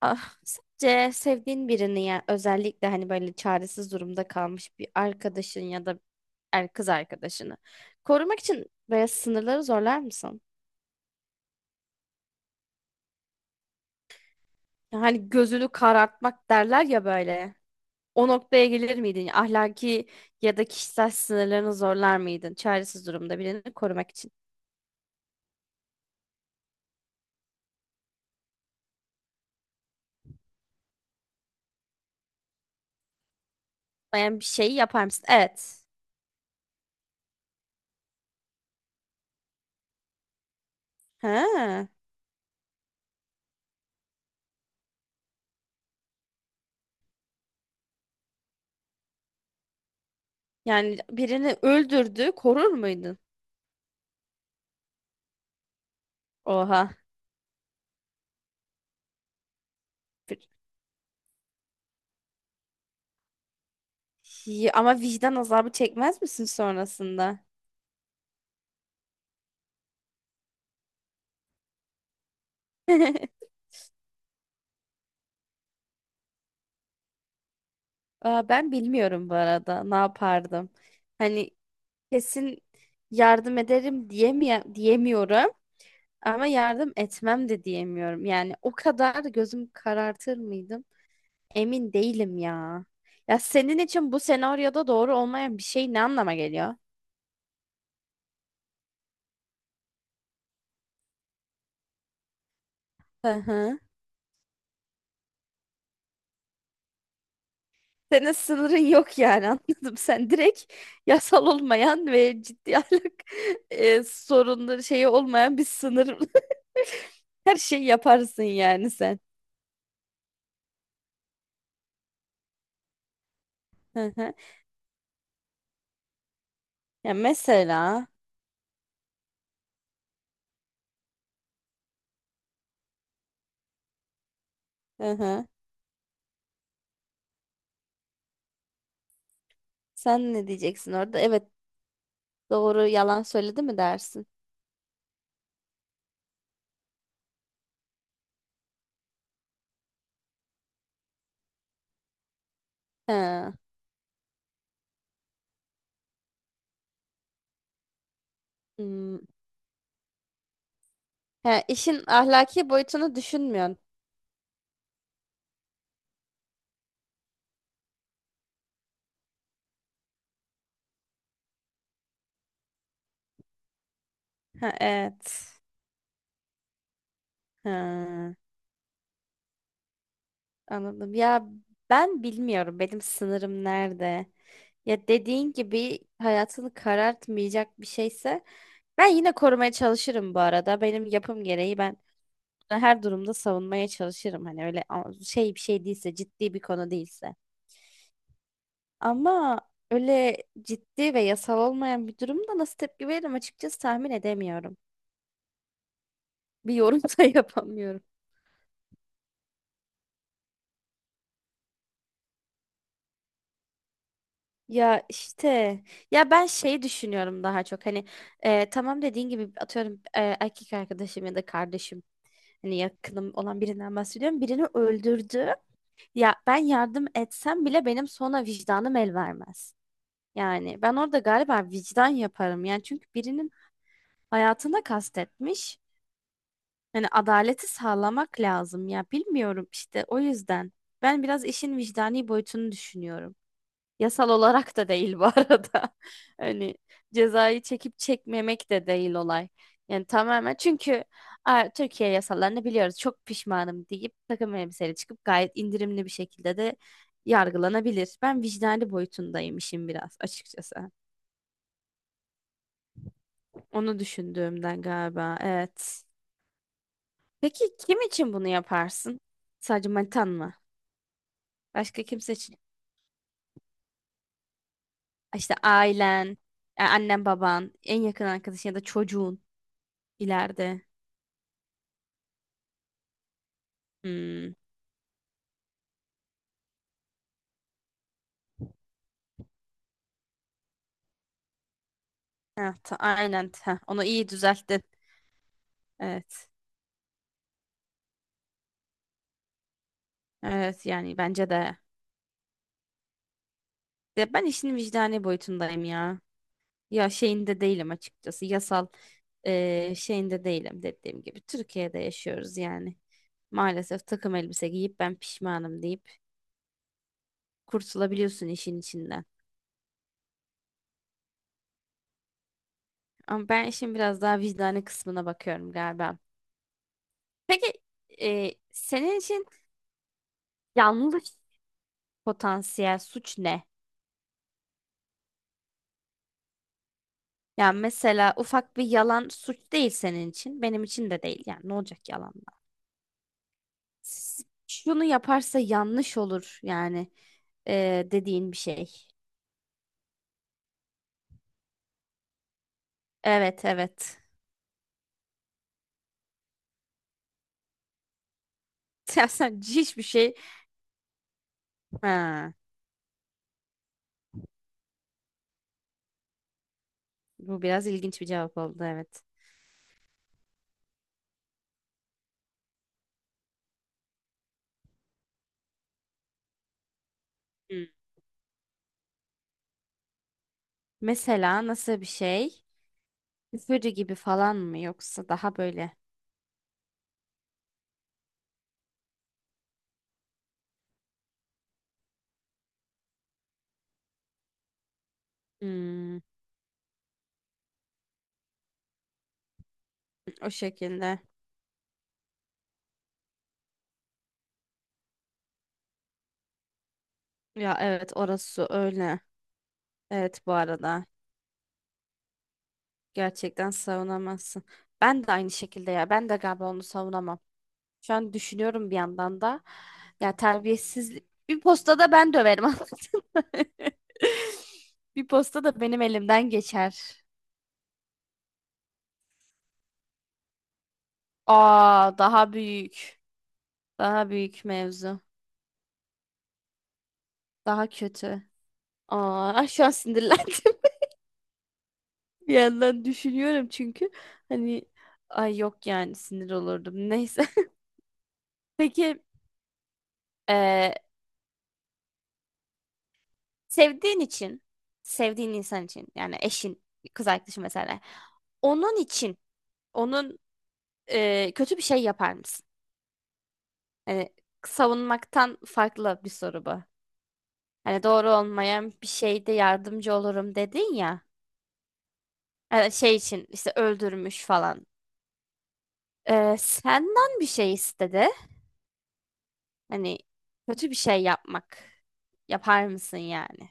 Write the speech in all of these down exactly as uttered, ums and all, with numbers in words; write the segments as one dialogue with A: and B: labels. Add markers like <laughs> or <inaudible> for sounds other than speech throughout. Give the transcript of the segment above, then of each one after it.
A: Ah, sadece sevdiğin birini yani özellikle hani böyle çaresiz durumda kalmış bir arkadaşın ya da er kız arkadaşını korumak için böyle sınırları zorlar mısın? Hani gözünü karartmak derler ya böyle. O noktaya gelir miydin? Ahlaki ya da kişisel sınırlarını zorlar mıydın? Çaresiz durumda birini korumak için. Yani bir şeyi yapar mısın? Evet. Ha. Yani birini öldürdü, korur muydun? Oha. Bir- Ama vicdan azabı çekmez misin sonrasında? <laughs> Aa, ben bilmiyorum bu arada ne yapardım. Hani kesin yardım ederim diyemeye diyemiyorum ama yardım etmem de diyemiyorum. Yani o kadar gözüm karartır mıydım? Emin değilim ya. Ya senin için bu senaryoda doğru olmayan bir şey ne anlama geliyor? Hı hı. Senin sınırın yok yani <laughs> anladım. Sen direkt yasal olmayan ve ciddi ahlak <laughs> e, sorunları şeyi olmayan bir sınır. <laughs> Her şeyi yaparsın yani sen. Hı hı. Ya mesela hı hı. Sen ne diyeceksin orada? Evet doğru yalan söyledi mi dersin? Ha. Hmm. Ha, işin ahlaki boyutunu düşünmüyorsun. Ha, evet. Ha, anladım. Ya ben bilmiyorum benim sınırım nerede. Ya dediğin gibi hayatını karartmayacak bir şeyse ben yine korumaya çalışırım bu arada. Benim yapım gereği ben her durumda savunmaya çalışırım. Hani öyle a- şey bir şey değilse ciddi bir konu değilse. Ama öyle ciddi ve yasal olmayan bir durumda nasıl tepki veririm açıkçası tahmin edemiyorum. Bir yorum da <laughs> yapamıyorum. Ya işte ya ben şey düşünüyorum daha çok hani e, tamam dediğin gibi atıyorum e, erkek arkadaşım ya da kardeşim hani yakınım olan birinden bahsediyorum birini öldürdü ya ben yardım etsem bile benim sonra vicdanım el vermez yani ben orada galiba vicdan yaparım yani çünkü birinin hayatına kastetmiş. Yani adaleti sağlamak lazım ya bilmiyorum işte o yüzden. Ben biraz işin vicdani boyutunu düşünüyorum. Yasal olarak da değil bu arada. <laughs> Hani cezayı çekip çekmemek de değil olay. Yani tamamen çünkü "Aa, Türkiye yasalarını biliyoruz çok pişmanım deyip takım elbiseyle çıkıp gayet indirimli bir şekilde de yargılanabilir. Ben vicdani boyutundayım işin biraz açıkçası. Onu düşündüğümden galiba evet. Peki kim için bunu yaparsın? Sadece manitan mı? Başka kimse için. İşte ailen, e, annen baban, en yakın arkadaşın ya da çocuğun ileride. Hmm. Ha, ta- aynen. Ha, onu iyi düzelttin. Evet. Evet yani bence de. De ben işin vicdani boyutundayım ya. Ya şeyinde değilim açıkçası. Yasal e, şeyinde değilim dediğim gibi. Türkiye'de yaşıyoruz yani. Maalesef takım elbise giyip ben pişmanım deyip kurtulabiliyorsun işin içinden. Ama ben işin biraz daha vicdani kısmına bakıyorum galiba. Peki e, senin için yanlış potansiyel suç ne? Yani mesela ufak bir yalan suç değil senin için. Benim için de değil. Yani ne olacak yalanla? S- Şunu yaparsa yanlış olur yani e, dediğin bir şey. Evet evet. <laughs> Ya sen hiçbir şey. Ha, bu biraz ilginç bir cevap oldu evet. Hmm. Mesela nasıl bir şey? Üfürü gibi falan mı yoksa daha böyle? Hmm, o şekilde. Ya evet orası öyle. Evet bu arada gerçekten savunamazsın. Ben de aynı şekilde ya ben de galiba onu savunamam. Şu an düşünüyorum bir yandan da. Ya terbiyesizlik bir postada ben döverim. <laughs> anladın mı? Bir posta da benim elimden geçer. Aa daha büyük. Daha büyük mevzu. Daha kötü. Aa <laughs> şu an sinirlendim. <laughs> Bir yandan düşünüyorum çünkü hani ay yok yani sinir olurdum. Neyse. <laughs> Peki eee, sevdiğin için, sevdiğin insan için yani eşin, kız arkadaşın mesela. Onun için, onun e, kötü bir şey yapar mısın? Yani savunmaktan farklı bir soru bu. Hani doğru olmayan bir şeyde yardımcı olurum dedin ya. Yani şey için işte öldürmüş falan. E, senden bir şey istedi. Hani kötü bir şey yapmak. Yapar mısın yani?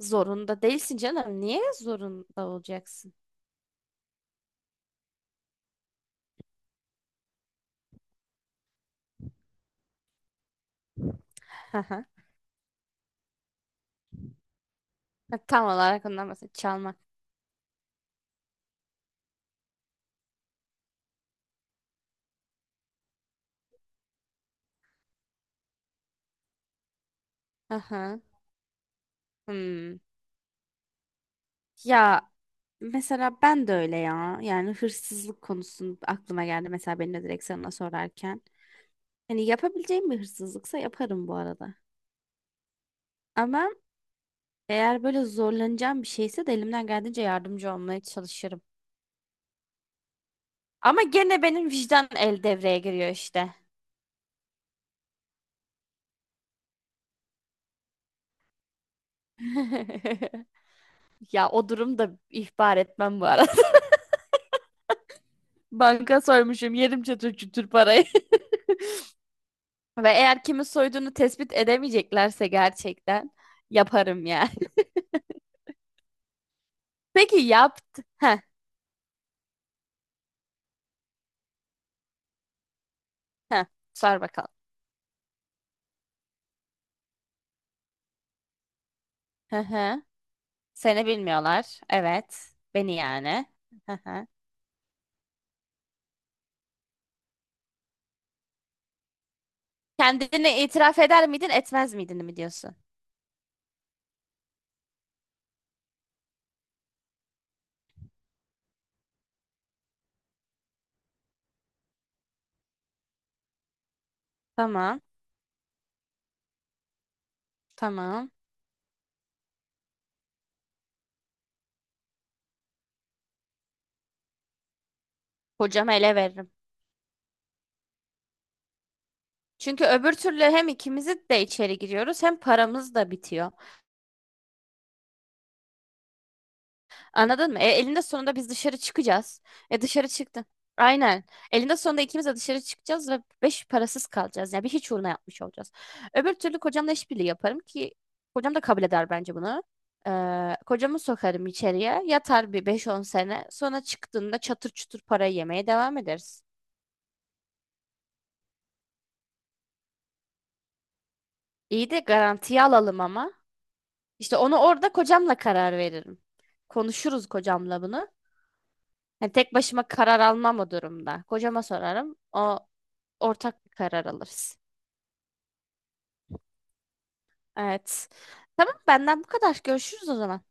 A: Zorunda değilsin canım. Niye zorunda olacaksın? <laughs> Tam olarak ondan bahsediyorum. Çalmak. Aha. Hmm. Ya mesela ben de öyle ya. Yani hırsızlık konusu aklıma geldi mesela beni de direkt sana sorarken. Hani yapabileceğim bir hırsızlıksa yaparım bu arada. Ama eğer böyle zorlanacağım bir şeyse de elimden geldiğince yardımcı olmaya çalışırım. Ama gene benim vicdan el devreye giriyor işte. <laughs> Ya o durumda ihbar etmem bu arada. <laughs> Banka soymuşum yerim çatır çutur parayı. <laughs> Ve eğer kimi soyduğunu tespit edemeyeceklerse gerçekten yaparım yani. Peki yaptı. Heh, heh. Sor bakalım. Hı hı. Seni bilmiyorlar. Evet. Beni yani. Hı hı. Kendini itiraf eder miydin, etmez miydin mi diyorsun? Tamam. Tamam. Kocama ele veririm. Çünkü öbür türlü hem ikimiz de içeri giriyoruz hem paramız da bitiyor. Anladın mı? E, elinde sonunda biz dışarı çıkacağız. E dışarı çıktın. Aynen. Elinde sonunda ikimiz de dışarı çıkacağız ve beş parasız kalacağız. Yani bir hiç uğruna yapmış olacağız. Öbür türlü kocamla işbirliği yaparım ki kocam da kabul eder bence bunu. Ee, kocamı sokarım içeriye. Yatar bir beş on sene. Sonra çıktığında çatır çutur parayı yemeye devam ederiz. İyi de garantiye alalım ama. İşte onu orada kocamla karar veririm. Konuşuruz kocamla bunu. Yani tek başıma karar almam o durumda. Kocama sorarım. O ortak bir karar alırız. Evet. Tamam benden bu kadar. Görüşürüz o zaman.